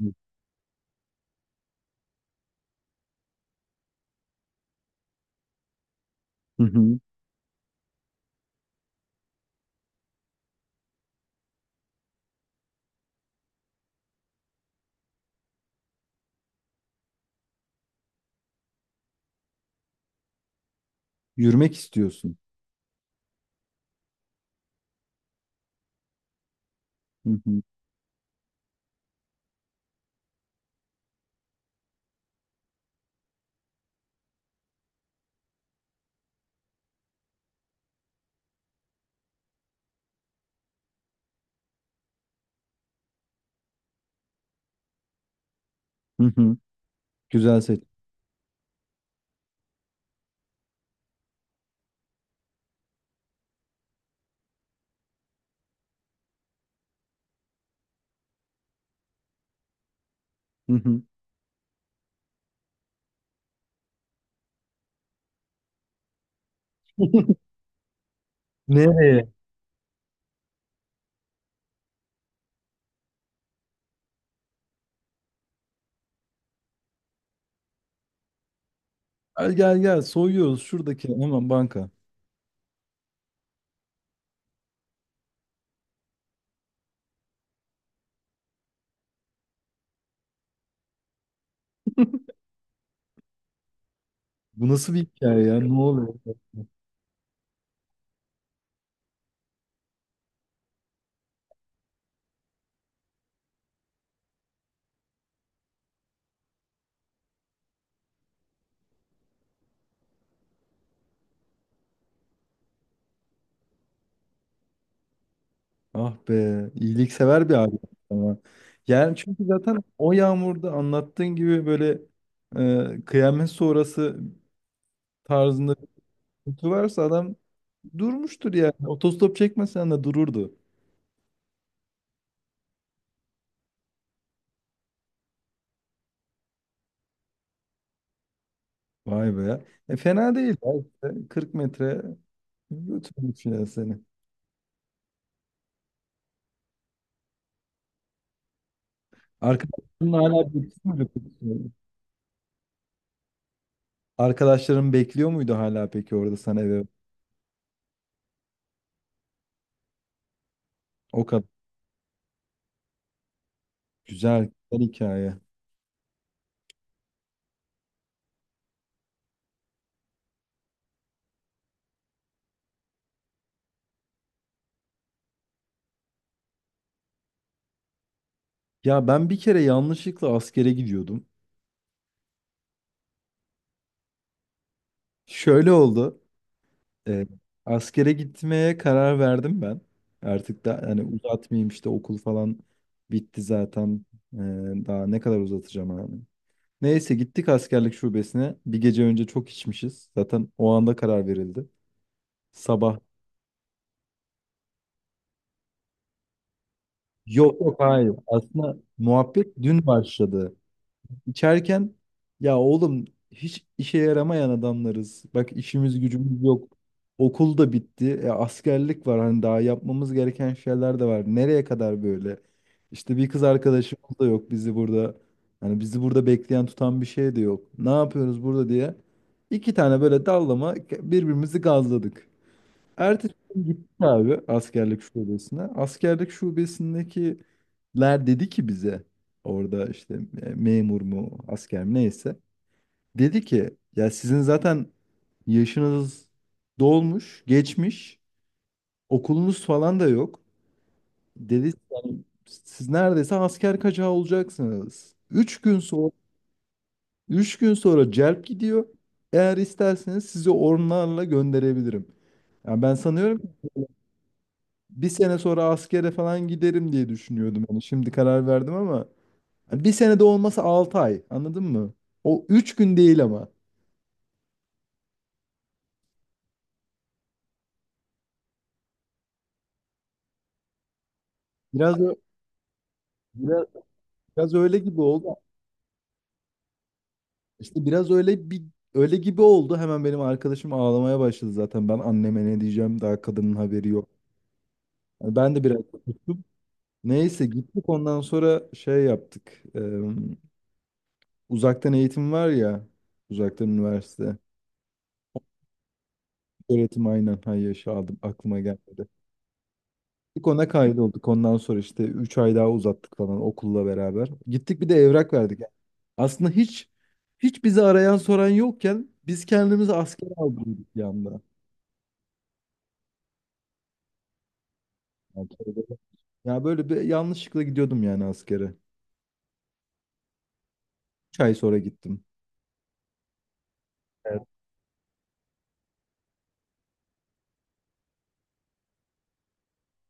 Hı hı. Yürümek istiyorsun. Hı hı. Hı hı. Güzel seç. Hı hı. Nereye? Gel gel gel soyuyoruz şuradaki hemen banka. Bu nasıl bir hikaye ya? Ne oluyor? Ah be, iyiliksever bir abi ama. Yani çünkü zaten o yağmurda anlattığın gibi böyle kıyamet sonrası tarzında bir kutu varsa adam durmuştur yani. Otostop çekmesen de dururdu. Vay be. Fena değil, ya işte. 40 metre götürmüş ya seni. Arkadaşların hala bekliyor muydu peki? Arkadaşların bekliyor muydu hala peki orada sana eve? O kadar güzel, güzel hikaye. Ya ben bir kere yanlışlıkla askere gidiyordum. Şöyle oldu. e, Askere gitmeye karar verdim ben. Artık da yani uzatmayayım işte okul falan bitti zaten. E, Daha ne kadar uzatacağım abi. Neyse gittik askerlik şubesine. Bir gece önce çok içmişiz. Zaten o anda karar verildi. Sabah. Yok, yok, hayır. Aslında muhabbet dün başladı. İçerken ya oğlum hiç işe yaramayan adamlarız. Bak işimiz gücümüz yok. Okul da bitti. Askerlik var. Hani daha yapmamız gereken şeyler de var. Nereye kadar böyle? İşte bir kız arkadaşımız da yok bizi burada. Hani bizi burada bekleyen tutan bir şey de yok. Ne yapıyoruz burada diye. İki tane böyle dallama birbirimizi gazladık. Ertesi gün gittik abi askerlik şubesine. Askerlik şubesindekiler dedi ki bize orada işte memur mu asker mi neyse. Dedi ki ya sizin zaten yaşınız dolmuş, geçmiş, okulunuz falan da yok. Dedi yani siz neredeyse asker kaçağı olacaksınız. 3 gün sonra, 3 gün sonra celp gidiyor. Eğer isterseniz sizi ormanlarla gönderebilirim. Yani ben sanıyorum bir sene sonra askere falan giderim diye düşünüyordum. Hani şimdi karar verdim ama hani bir sene de olmasa 6 ay. Anladın mı? O 3 gün değil ama. Biraz ö- biraz, Biraz öyle gibi oldu. İşte biraz öyle bir öyle gibi oldu. Hemen benim arkadaşım ağlamaya başladı zaten. Ben anneme ne diyeceğim daha kadının haberi yok. Yani ben de biraz tuttum. Neyse gittik ondan sonra şey yaptık. Uzaktan eğitim var ya. Uzaktan üniversite. Öğretim aynen. Hayır yaşa aldım. Aklıma geldi. İlk ona kaydolduk. Ondan sonra işte 3 ay daha uzattık falan okulla beraber. Gittik bir de evrak verdik. Yani aslında hiç bizi arayan soran yokken biz kendimizi askere aldırdık bir anda. Yani böyle- Ya böyle bir yanlışlıkla gidiyordum yani askere. 3 ay sonra gittim. Evet.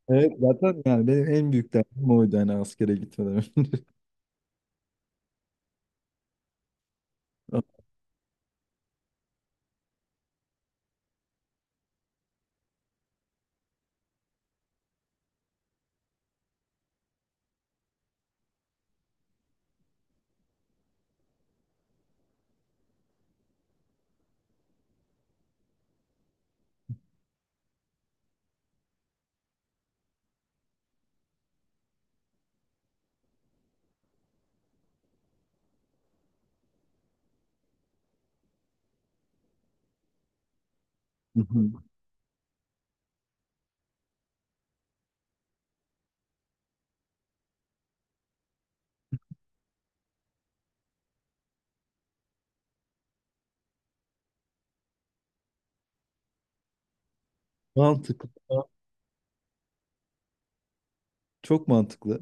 Evet, zaten yani benim en büyük derdim oydu hani askere gitmeden önce. Mantıklı. Çok mantıklı.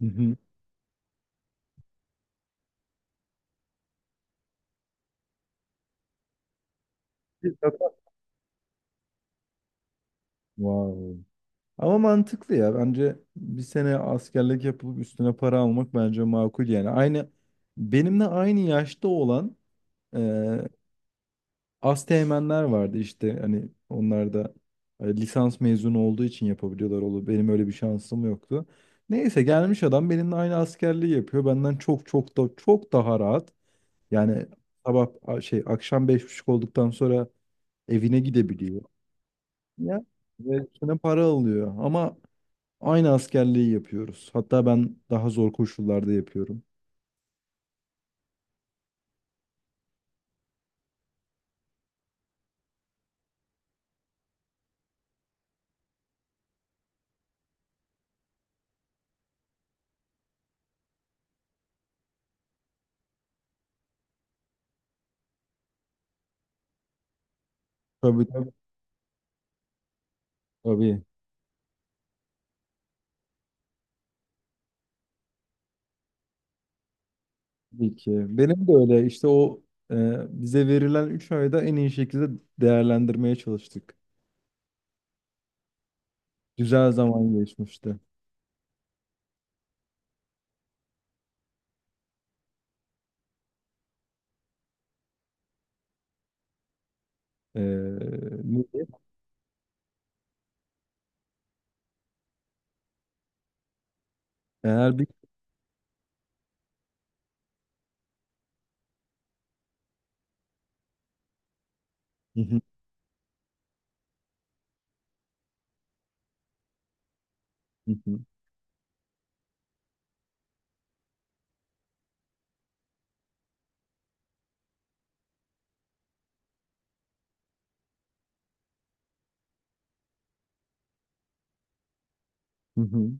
Hı hı. Wow. Ama mantıklı ya. Bence bir sene askerlik yapılıp üstüne para almak bence makul yani. Aynı benimle aynı yaşta olan e, asteğmenler vardı işte. Hani onlar da lisans mezunu olduğu için yapabiliyorlar oğlum. Benim öyle bir şansım yoktu. Neyse gelmiş adam benimle aynı askerliği yapıyor. Benden çok çok da çok daha rahat. Yani sabah a- şey akşam 5:30 olduktan sonra evine gidebiliyor. Ya ve üstüne para alıyor. Ama aynı askerliği yapıyoruz. Hatta ben daha zor koşullarda yapıyorum. Tabii, tabii. Tabii, tabii ki. Benim de öyle işte o e, bize verilen 3 ayda en iyi şekilde değerlendirmeye çalıştık. Güzel zaman geçmişti. E, Ne diyeyim? Eğer bir... Hı hı, hı hı, hı hı,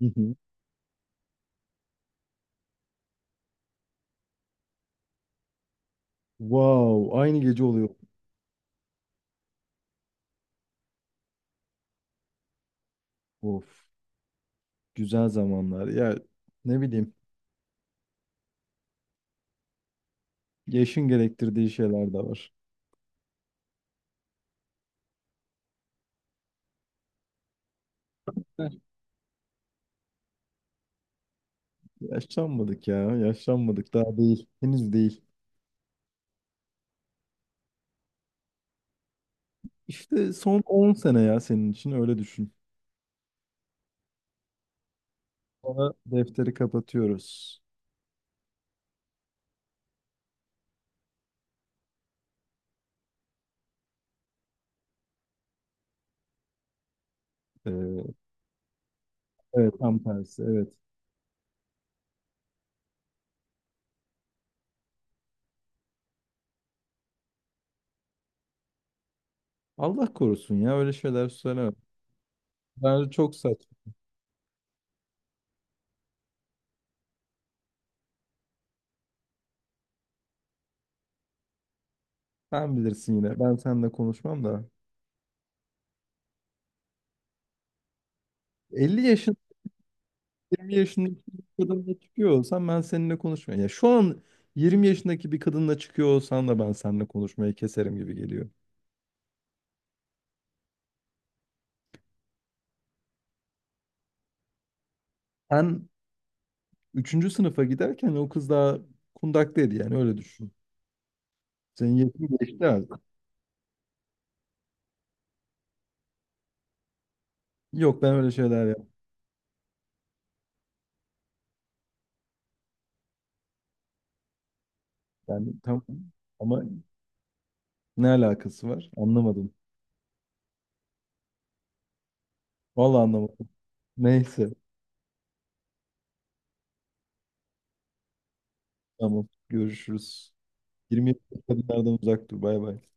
hı hı. Wow, aynı gece oluyor. Of, güzel zamanlar. Ya ne bileyim, yaşın gerektirdiği şeyler de var. Yaşlanmadık ya. Yaşlanmadık. Daha değil. Henüz değil. İşte son 10 sene ya senin için öyle düşün. Sonra defteri kapatıyoruz. Ee, evet, tam tersi. Evet. Allah korusun ya öyle şeyler söyleme. Bence çok saçma. Sen bilirsin yine. Ben seninle konuşmam da. 50 yaşın 20 yaşındaki bir kadınla çıkıyor olsam ben seninle konuşmam. Ya şu an 20 yaşındaki bir kadınla çıkıyor olsan da ben seninle konuşmayı keserim gibi geliyor. Sen üçüncü sınıfa giderken o kız daha kundaktaydı yani öyle düşün. Senin yetin geçti artık. Yok ben öyle şeyler yapmam. Yani tamam ama ne alakası var? Anlamadım. Vallahi anlamadım. Neyse. Tamam. Görüşürüz. 20 yaşındaki kadınlardan uzak dur. Bay bay.